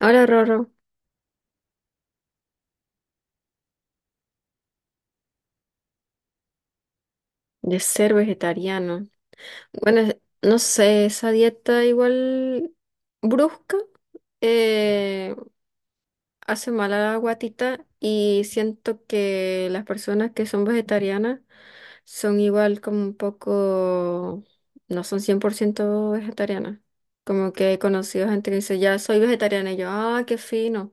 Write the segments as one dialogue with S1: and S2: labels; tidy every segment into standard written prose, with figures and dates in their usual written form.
S1: Hola, Rorro, de ser vegetariano. Bueno, no sé, esa dieta igual brusca eh, hace mal a la guatita y siento que las personas que son vegetarianas son igual como un poco, no son 100% vegetarianas. Como que he conocido gente que dice, ya soy vegetariana y yo, ah, qué fino.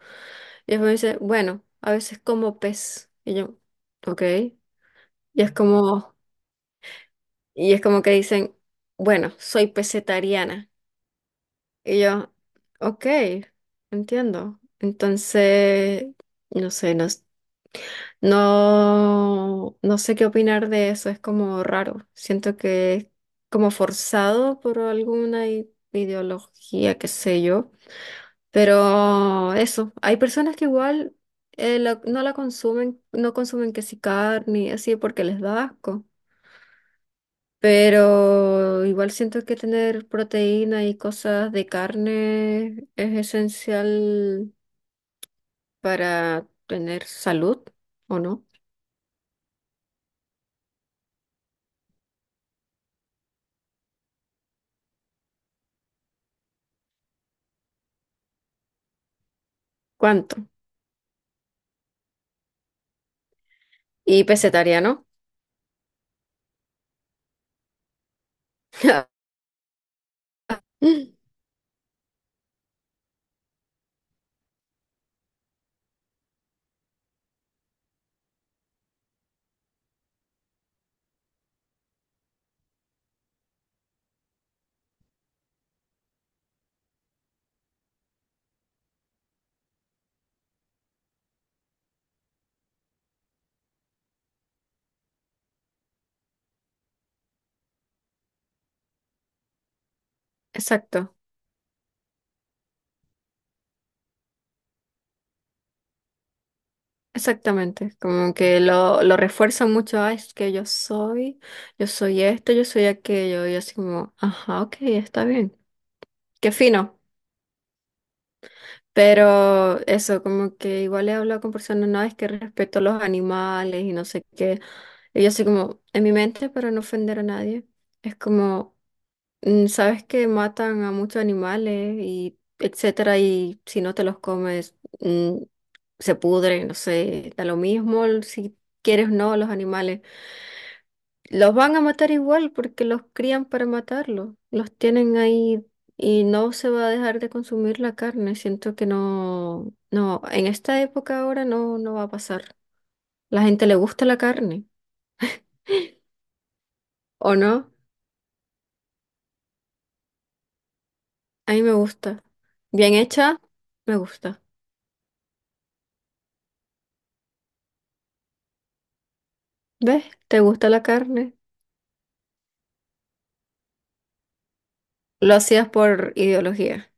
S1: Y después me dice, bueno, a veces como pez. Y yo, ok. Es como... Y es como que dicen, bueno, soy pesetariana. Y yo, ok, entiendo. Entonces, no sé, no, s- no, no sé qué opinar de eso, es como raro. Siento que es como forzado por alguna ideología, qué sé yo. Pero eso, hay personas que igual no la consumen, no consumen que si carne, y así porque les da asco. Pero igual siento que tener proteína y cosas de carne es esencial para tener salud, ¿o no? ¿Cuánto? Y pescetariano. Mm, exacto, exactamente. Como que lo refuerzan mucho. Ah, es que yo soy esto, yo soy aquello. Y así como, ajá, ok, está bien. Qué fino. Pero eso, como que igual he hablado con personas, no, es que respeto a los animales y no sé qué. Y yo así como, en mi mente, para no ofender a nadie, es como, mm, sabes que matan a muchos animales y etcétera, y si no te los comes, mm, se pudre, no sé, da lo mismo si quieres o no los animales. Los van a matar igual porque los crían para matarlos. Los tienen ahí y no se va a dejar de consumir la carne. Siento que no, en esta época ahora no, no va a pasar. La gente le gusta la carne, ¿o no? A mí me gusta. Bien hecha, me gusta. ¿Ves? ¿Te gusta la carne? Lo hacías por ideología,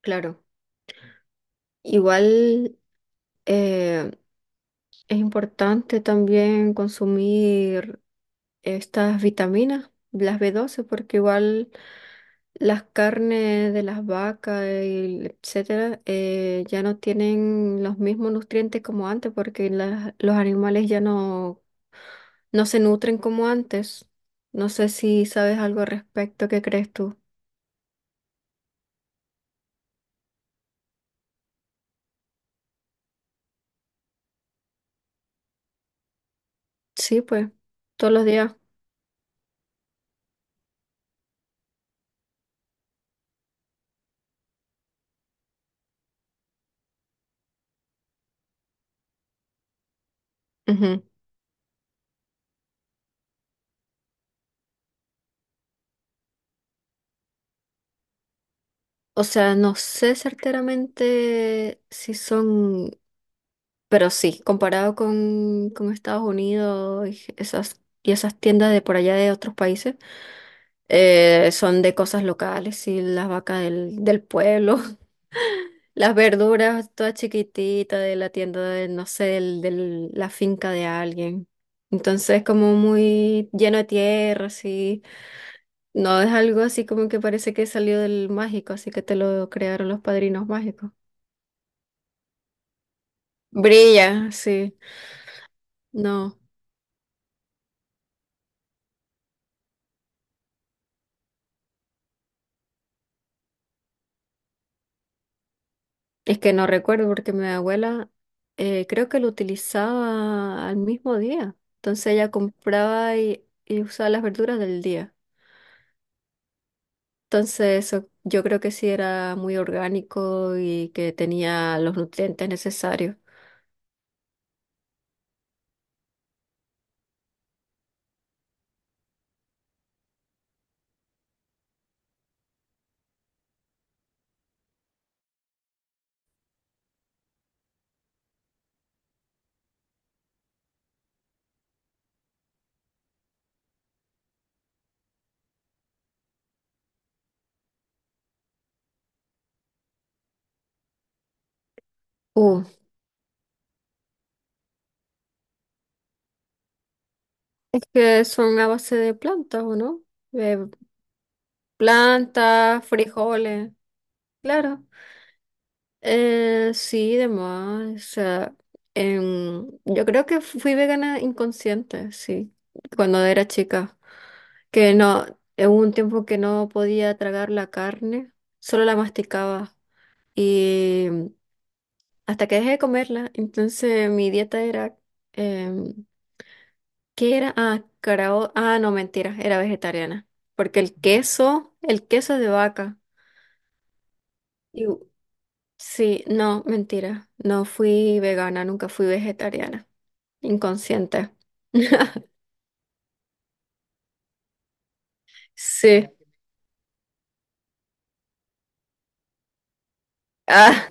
S1: claro. Igual eh, es importante también consumir estas vitaminas, las B12 porque igual las carnes de las vacas, y etcétera, ya no tienen los mismos nutrientes como antes, porque los animales ya no, no se nutren como antes. No sé si sabes algo al respecto, ¿qué crees tú? Sí, pues, todos los días. Ujú. O sea, no sé certeramente si son. Pero sí, comparado con Estados Unidos y esas tiendas de por allá de otros países, son de cosas locales, y las vacas del pueblo, las verduras todas chiquititas de la tienda de, no sé, la finca de alguien. Entonces, como muy lleno de tierra, así. No es algo así como que parece que salió del mágico, así que te lo crearon los padrinos mágicos. Brilla, sí. No, es que no recuerdo porque mi abuela creo que lo utilizaba al mismo día. Entonces ella compraba y usaba las verduras del día. Entonces eso yo creo que sí era muy orgánico y que tenía los nutrientes necesarios. Uh, es que son a base de plantas, ¿o no? De plantas, frijoles, claro. Sí, demás. O sea, yo creo que fui vegana inconsciente, sí, cuando era chica. Que no, hubo un tiempo que no podía tragar la carne, solo la masticaba. Y hasta que dejé de comerla, entonces mi dieta era, em, ¿qué era? Ah, no, mentira, era vegetariana. Porque el queso es de vaca. Sí, no, mentira. No fui vegana, nunca fui vegetariana. Inconsciente. Sí. Ah,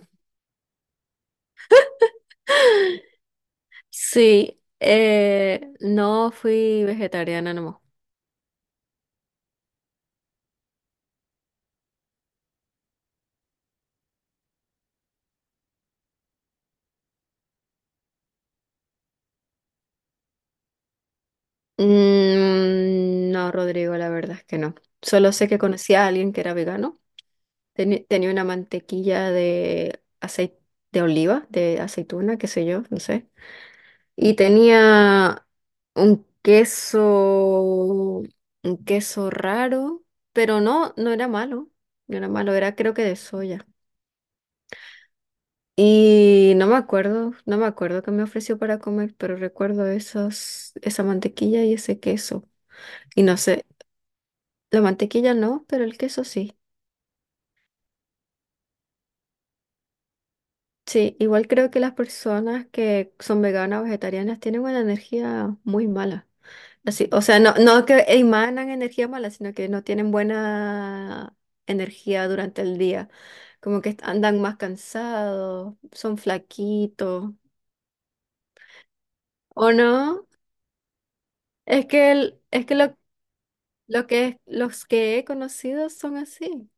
S1: sí. No fui vegetariana no. Mm, no, Rodrigo, la verdad es que no. Solo sé que conocí a alguien que era vegano. Tenía una mantequilla de aceite de oliva, de aceituna, qué sé yo, no sé. Y tenía un queso, un queso raro, pero no, no era malo, no era malo, era creo que de soya. Y no me acuerdo, no me acuerdo qué me ofreció para comer, pero recuerdo esa mantequilla y ese queso. Y no sé, la mantequilla no, pero el queso sí. Sí, igual creo que las personas que son veganas o vegetarianas tienen una energía muy mala. Así, o sea, no que emanan energía mala, sino que no tienen buena energía durante el día. Como que andan más cansados, son flaquitos. ¿O no? Es que lo que los que he conocido son así.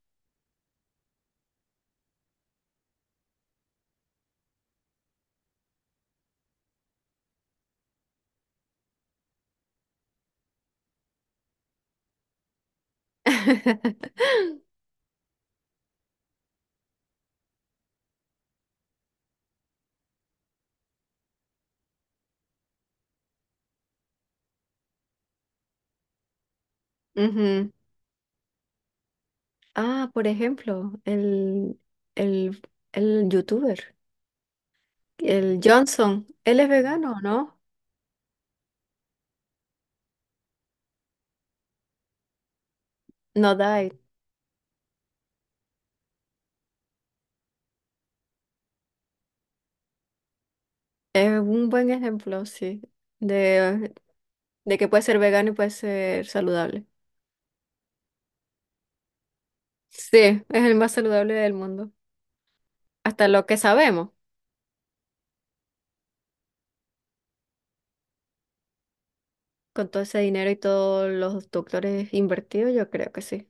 S1: Ujú. Ah, por ejemplo, el, el youtuber. El Johnson, él es vegano, ¿no? No diet. Es un buen ejemplo, sí, de, de que puede ser vegano y puede ser saludable. Sí, es el más saludable del mundo. Hasta lo que sabemos, con todo ese dinero y todos los doctores invertidos, yo creo que sí.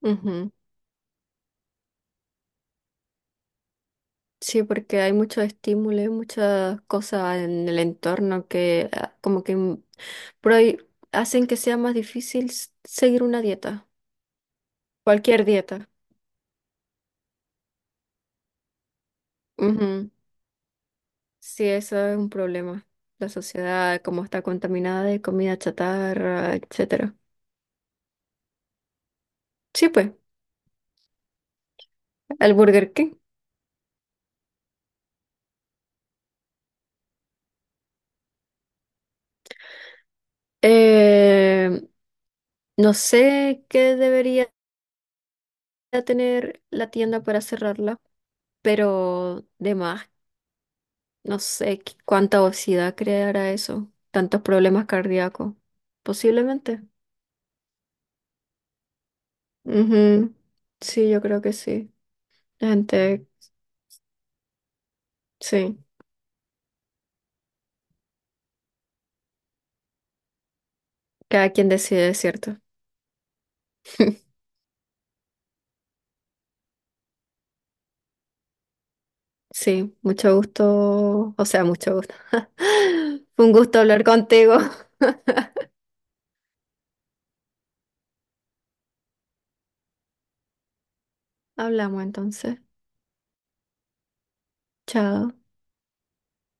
S1: Ujú. Sí, porque hay mucho estímulo, y muchas cosas en el entorno que ah, como que mm, prohi- hacen que sea más difícil seguir una dieta, cualquier dieta. Sí, eso es un problema. La sociedad, como está contaminada de comida chatarra, etcétera. Sí, pues, el Burger King. Eh, no sé qué debería tener la tienda para cerrarla, pero de más, no sé cuánta obesidad creará eso. Tantos problemas cardíacos. Posiblemente. Ujú. Sí, yo creo que sí. La gente, sí. Cada quien decide, ¿es cierto? Sí, mucho gusto, o sea, mucho gusto. Fue un gusto hablar contigo. Hablamos entonces. Chao.